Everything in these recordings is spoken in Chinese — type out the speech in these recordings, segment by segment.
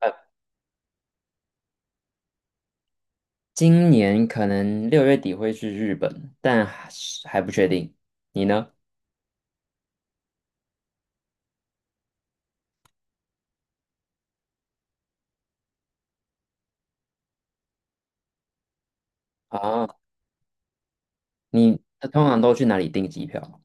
呃，今年可能6月底会去日本，但还是还不确定。你呢？啊，你通常都去哪里订机票？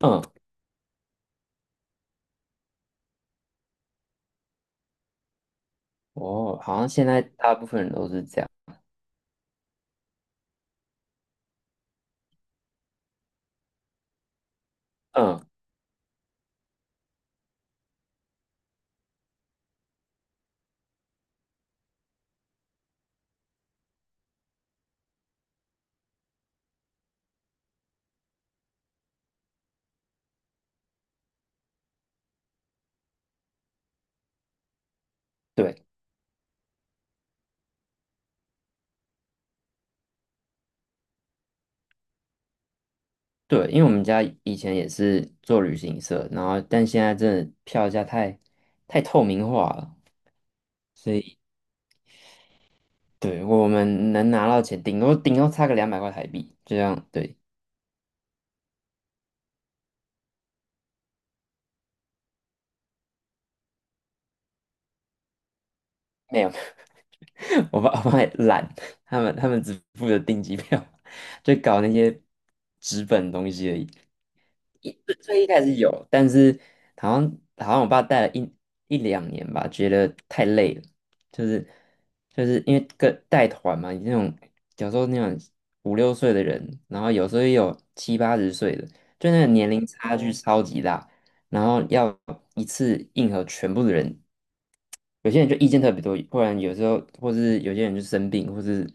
嗯，哦，好像现在大部分人都是这样。嗯，对对，因为我们家以前也是做旅行社，然后但现在真的票价太透明化了，所以对我们能拿到钱，顶多顶多差个200块台币，这样对，没有。 我爸也懒，他们只负责订机票，就搞那些纸本的东西而已。最一开始有，但是好像我爸带了一两年吧，觉得太累了，就是就是因为跟带团嘛，你那种有时候那种五六岁的人，然后有时候也有七八十岁的，就那个年龄差距哦超级大，然后要一次应和全部的人，有些人就意见特别多，不然有时候或是有些人就生病，或是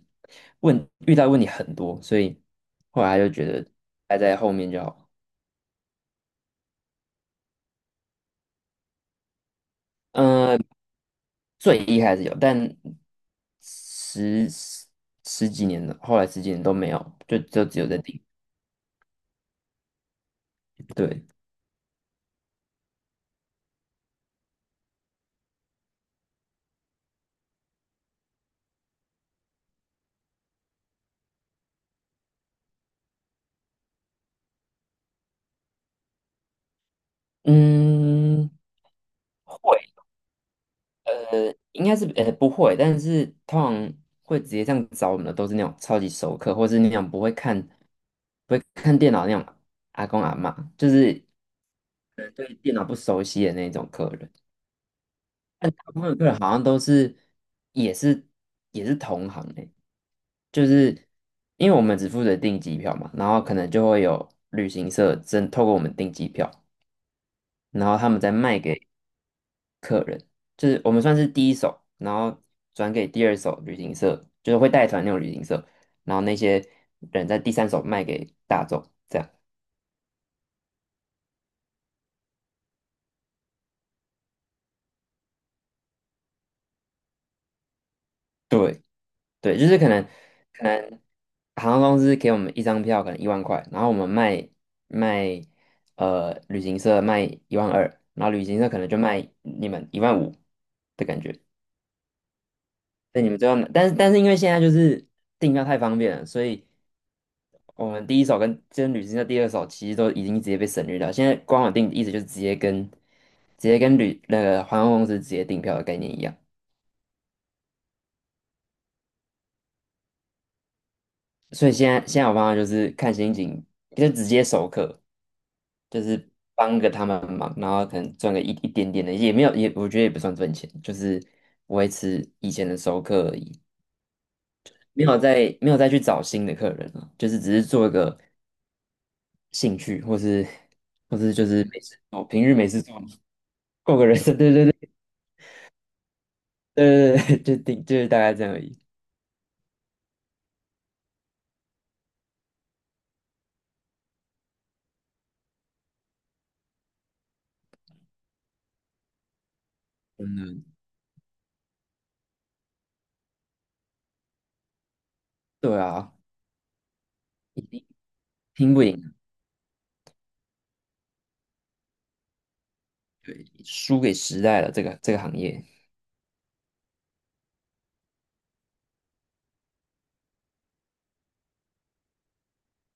问遇到问题很多，所以后来就觉得排在后面就好。嗯，最一开始有，但十十十几年了，后来十几年都没有，就只有在顶。对，嗯，会，应该是不会，但是通常会直接这样找我们的都是那种超级熟客，或是那种不会看电脑那种阿公阿嬷，就是。对电脑不熟悉的那种客人，大部分的客人好像都是也是也是同行诶，就是因为我们只负责订机票嘛，然后可能就会有旅行社真透过我们订机票，然后他们再卖给，就是我们算是第一手，然后转给第二手旅行社，就是会带团那种旅行社，然后那些人在第三手卖给大众。这样。对对，就是可能航空公司给我们一张票，可能10000块，然后我们卖卖呃旅行社卖12000，然后旅行社可能就卖你们15000的感觉。那你们最后拿，但是因为现在就是订票太方便了，所以我们第一手跟旅行社第二手其实都已经直接被省略掉。现在官网订意思就是直接跟那个航空公司直接订票的概念一样。所以现在我方法就是看心情，就直接授课，就是帮个他们忙，然后可能赚个一点点的，也没有也我觉得也不算赚钱，就是维持以前的授课而已，没有再去找新的客人了，就是只是做一个兴趣，或是就是没事做，平日没事做，嘛，过个人生，对对对对对对，就是大概这样而已，真的，对啊，拼不赢，输给时代了这个行业。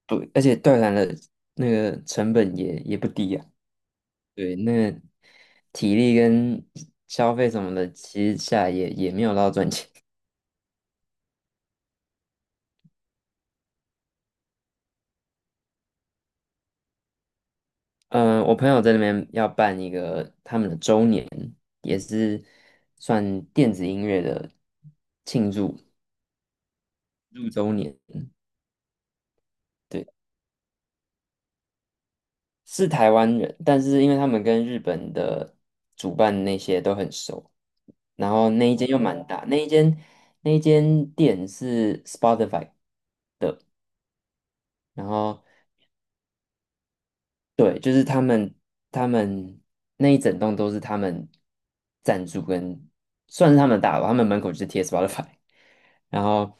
对，而且断缆的那个成本也不低啊。对，那个体力跟消费什么的，其实下来也没有到赚钱。嗯，我朋友在那边要办一个他们的周年，也是算电子音乐的庆祝6周年。对，是台湾人，但是因为他们跟日本的主办那些都很熟，然后那一间又蛮大，那一间店是 Spotify。然后对，就是他们那一整栋都是他们赞助跟算是他们大楼，他们门口就是贴 Spotify，然后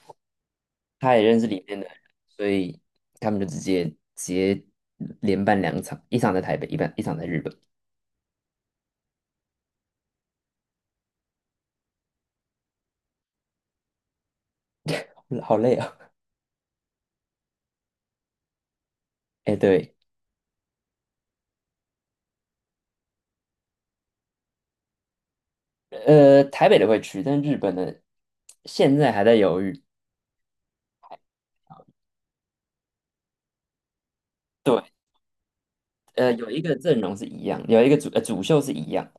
他也认识里面的人，所以他们就直接连办两场，一场在台北，一场在日本，好累啊 哎，对，台北的会去，但日本的现在还在犹豫。对，有一个阵容是一样，有一个主秀是一样，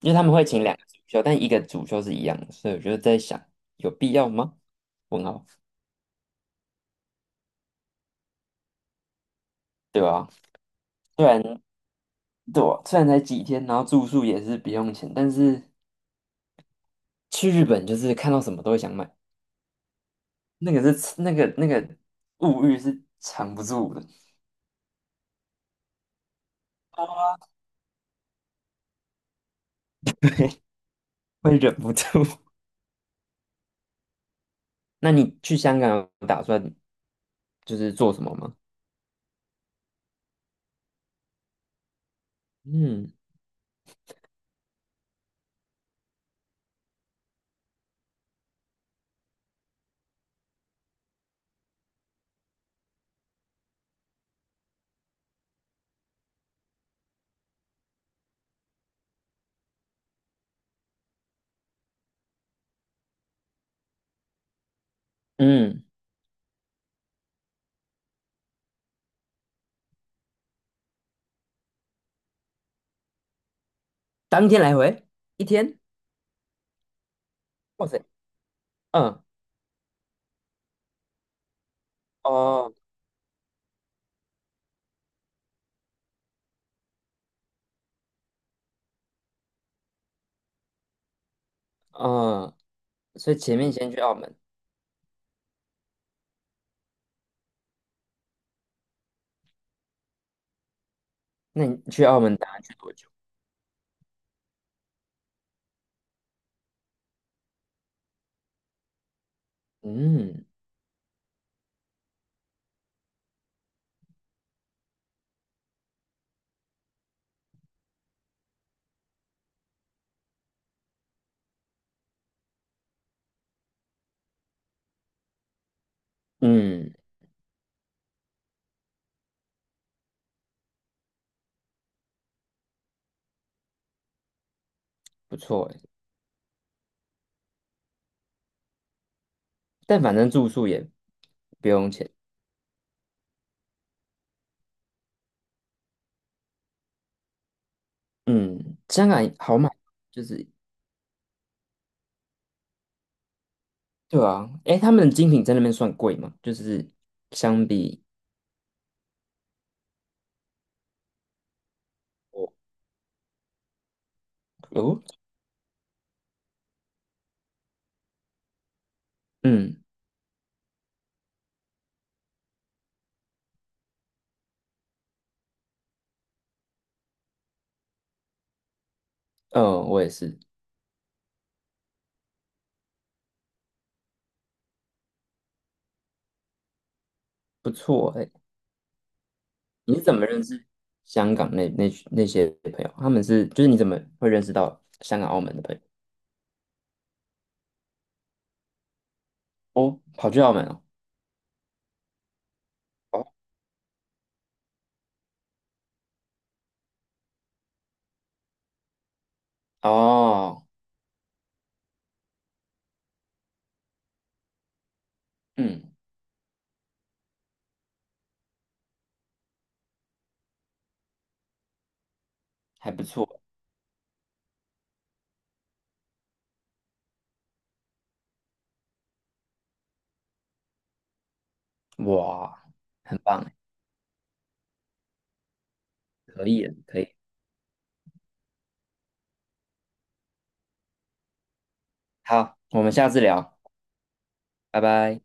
因为他们会请两个主修，但一个主修是一样的，所以我就在想，有必要吗？问号，对吧？虽然对啊，虽然才几天，然后住宿也是不用钱，但是去日本就是看到什么都会想买，那个是那个那个物欲是藏不住的，会忍不住。那你去香港有打算就是做什么吗？嗯嗯，当天来回一天，哇塞，嗯哦嗯，所以前面先去澳门。那你去澳门打算去多久？嗯嗯，不错诶，但反正住宿也不用钱。嗯，香港好买，就是对啊。诶，他们的精品在那边算贵吗？就是相比我哦，嗯，我也是不错诶。你是怎么认识香港那些朋友？他们是就是你怎么会认识到香港、澳门的朋友？哦，跑去澳门哦，哦，哦，嗯，还不错，哇，很棒。可以的可以。好，我们下次聊，拜拜。